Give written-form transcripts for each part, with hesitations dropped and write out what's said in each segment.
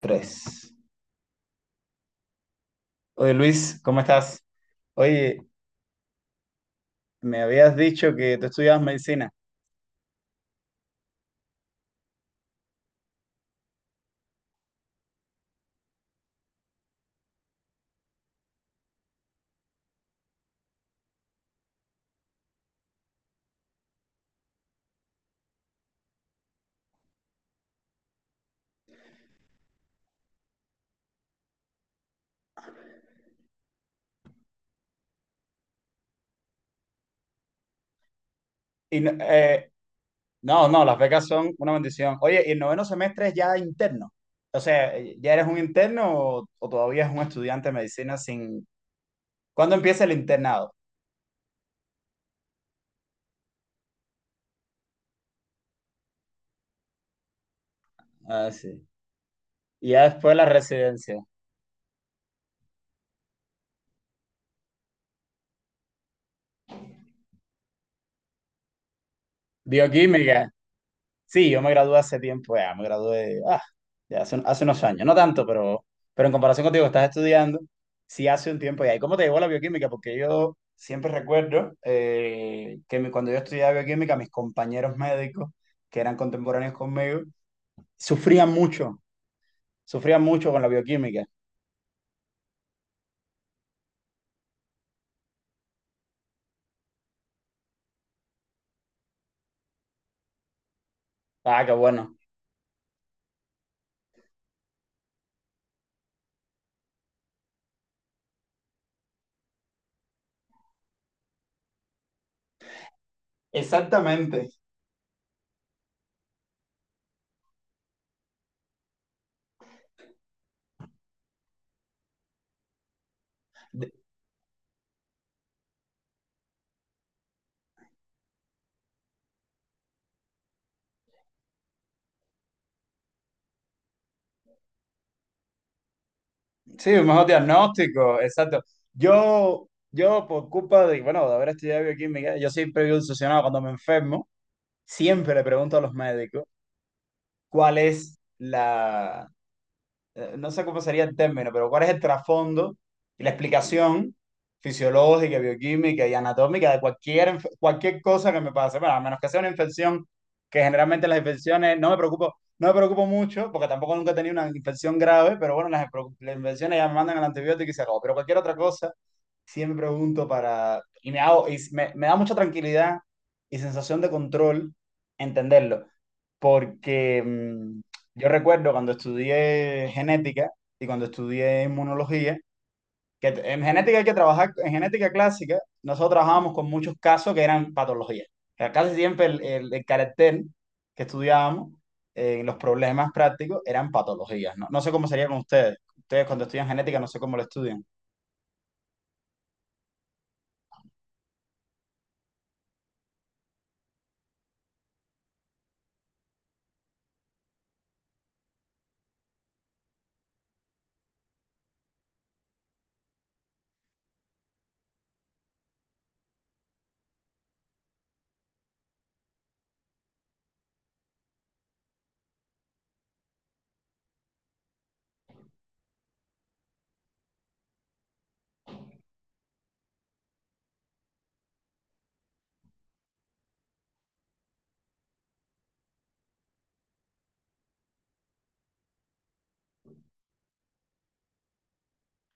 Tres. Oye, Luis, ¿cómo estás? Oye, me habías dicho que tú estudiabas medicina. Y, no, no, no, las becas son una bendición. Oye, ¿y el noveno semestre es ya interno? O sea, ¿ya eres un interno o todavía es un estudiante de medicina sin... ¿Cuándo empieza el internado? Ah, sí. Y ya después la residencia. Bioquímica. Sí, yo me gradué hace tiempo, ya, me gradué ya hace, unos años, no tanto, pero en comparación contigo que estás estudiando, sí hace un tiempo ya. ¿Y cómo te llegó la bioquímica? Porque yo siempre recuerdo cuando yo estudiaba bioquímica, mis compañeros médicos, que eran contemporáneos conmigo, sufrían mucho, sufrían mucho con la bioquímica. Ah, qué bueno. Exactamente. De- Sí, un mejor diagnóstico, exacto. Yo por culpa de, bueno, de haber estudiado bioquímica, yo siempre vivo obsesionado cuando me enfermo siempre le pregunto a los médicos cuál es no sé cómo sería el término, pero cuál es el trasfondo y la explicación fisiológica, bioquímica y anatómica de cualquier, cualquier cosa que me pase. Bueno, a menos que sea una infección, que generalmente las infecciones no me preocupo, no me preocupo mucho, porque tampoco nunca he tenido una infección grave, pero bueno, las infecciones ya me mandan el antibiótico y se acabó. Pero cualquier otra cosa siempre pregunto para, y me hago, me da mucha tranquilidad y sensación de control entenderlo, porque yo recuerdo cuando estudié genética y cuando estudié inmunología, en genética hay que trabajar, en genética clásica, nosotros trabajábamos con muchos casos que eran patologías. O sea, casi siempre el carácter que estudiábamos en los problemas prácticos eran patologías, ¿no? No sé cómo sería con ustedes. Ustedes cuando estudian genética, no sé cómo lo estudian.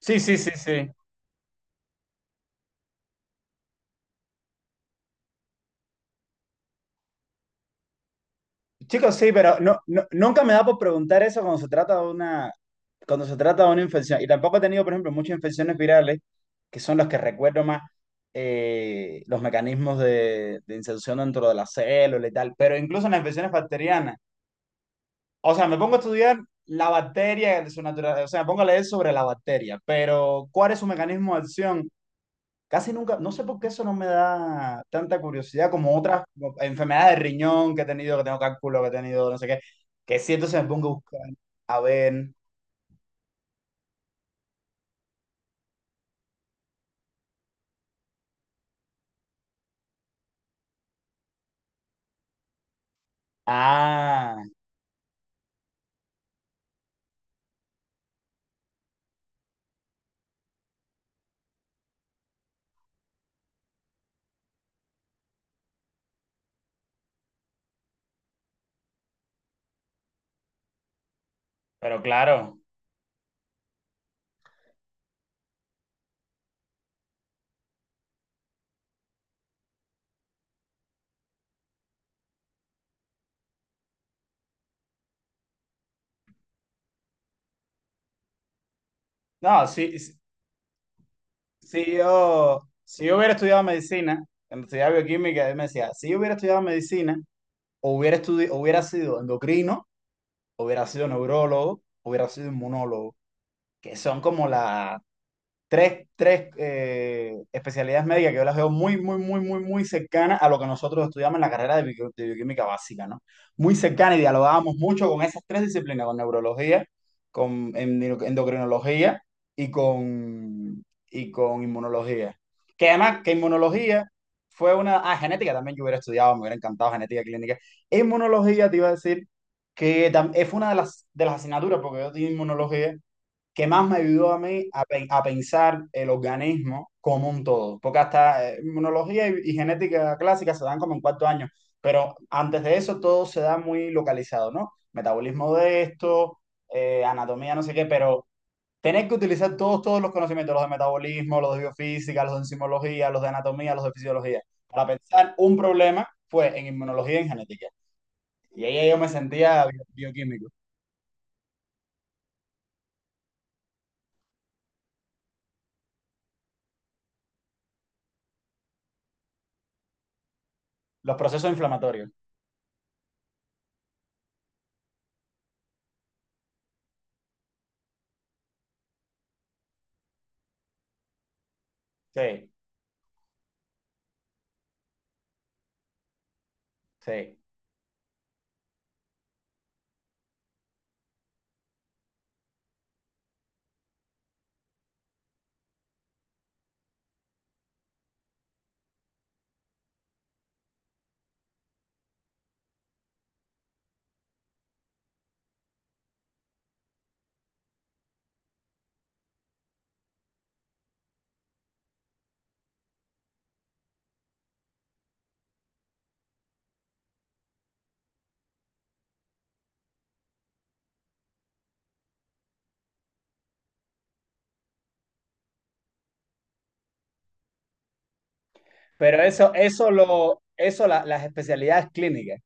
Sí, sí, sí, sí. Chicos, sí, pero no, nunca me da por preguntar eso cuando se trata de una, cuando se trata de una infección. Y tampoco he tenido, por ejemplo, muchas infecciones virales, que son las que recuerdo más los mecanismos de inserción dentro de la célula y tal. Pero incluso en las infecciones bacterianas. O sea, me pongo a estudiar la bacteria, su naturaleza, o sea, me pongo a leer sobre la bacteria, pero ¿cuál es su mecanismo de acción? Casi nunca, no sé por qué eso no me da tanta curiosidad como otras como enfermedades de riñón que he tenido, que tengo cálculo, que he tenido, no sé qué, que siento se me pongo a buscar. A ver. Ah, pero claro. No, si yo, si yo hubiera estudiado medicina, cuando estudiaba bioquímica, él me decía, si yo hubiera estudiado medicina, o hubiera, estudi hubiera sido endocrino, hubiera sido neurólogo, hubiera sido inmunólogo, que son como las tres especialidades médicas que yo las veo muy, muy, muy, muy, muy cercanas a lo que nosotros estudiamos en la carrera de, de bioquímica básica, ¿no? Muy cercana y dialogábamos mucho con esas tres disciplinas, con neurología, con endocrinología y con, y con inmunología. Que además, que inmunología fue una... Ah, genética también yo hubiera estudiado, me hubiera encantado genética clínica. Inmunología te iba a decir que fue una de de las asignaturas, porque yo di inmunología que más me ayudó a mí a, a pensar el organismo como un todo. Porque hasta inmunología y genética clásica se dan como en cuarto año, pero antes de eso todo se da muy localizado, ¿no? Metabolismo de esto, anatomía, no sé qué, pero tener que utilizar todos los conocimientos, los de metabolismo, los de biofísica, los de enzimología, los de anatomía, los de fisiología, para pensar un problema fue en inmunología y en genética. Y ahí yo me sentía bioquímico. Los procesos inflamatorios. Sí, sí. Pero eso, las especialidades clínicas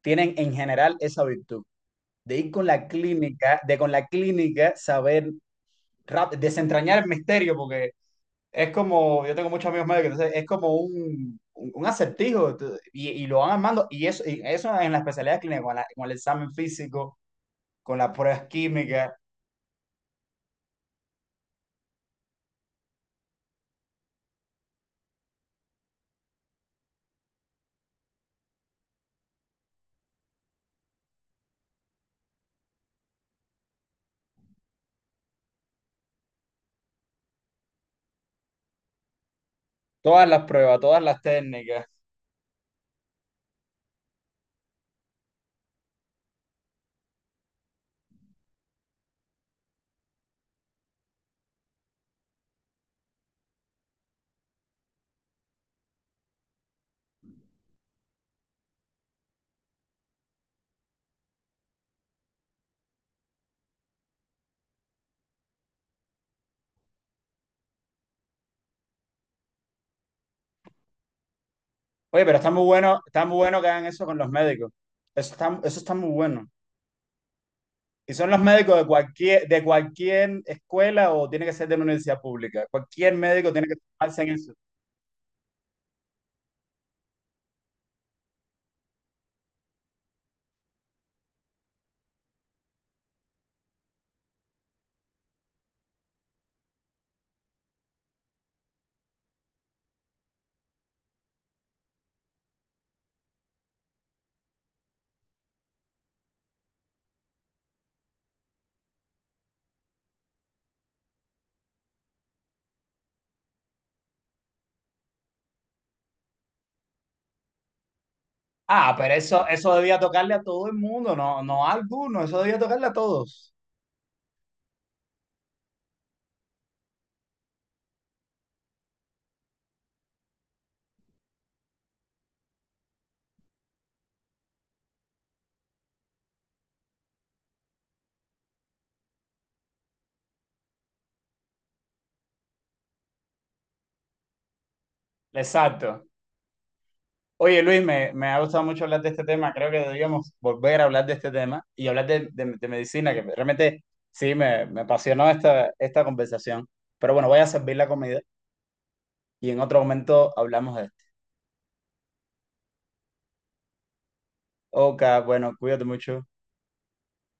tienen en general esa virtud de ir con la clínica, de con la clínica saber desentrañar el misterio, porque es como, yo tengo muchos amigos médicos, entonces es como un acertijo y lo van armando, y eso en las especialidades clínicas, con, con el examen físico, con las pruebas químicas, todas las pruebas, todas las técnicas. Oye, pero está muy bueno que hagan eso con los médicos. Eso está muy bueno. ¿Y son los médicos de cualquier escuela o tiene que ser de una universidad pública? Cualquier médico tiene que tomarse en eso. Ah, pero eso debía tocarle a todo el mundo, no, no a alguno, eso debía tocarle a todos. Exacto. Oye, Luis, me ha gustado mucho hablar de este tema. Creo que deberíamos volver a hablar de este tema y hablar de, de medicina, que realmente sí, me apasionó esta, esta conversación. Pero bueno, voy a servir la comida y en otro momento hablamos de esto. Ok, bueno, cuídate mucho.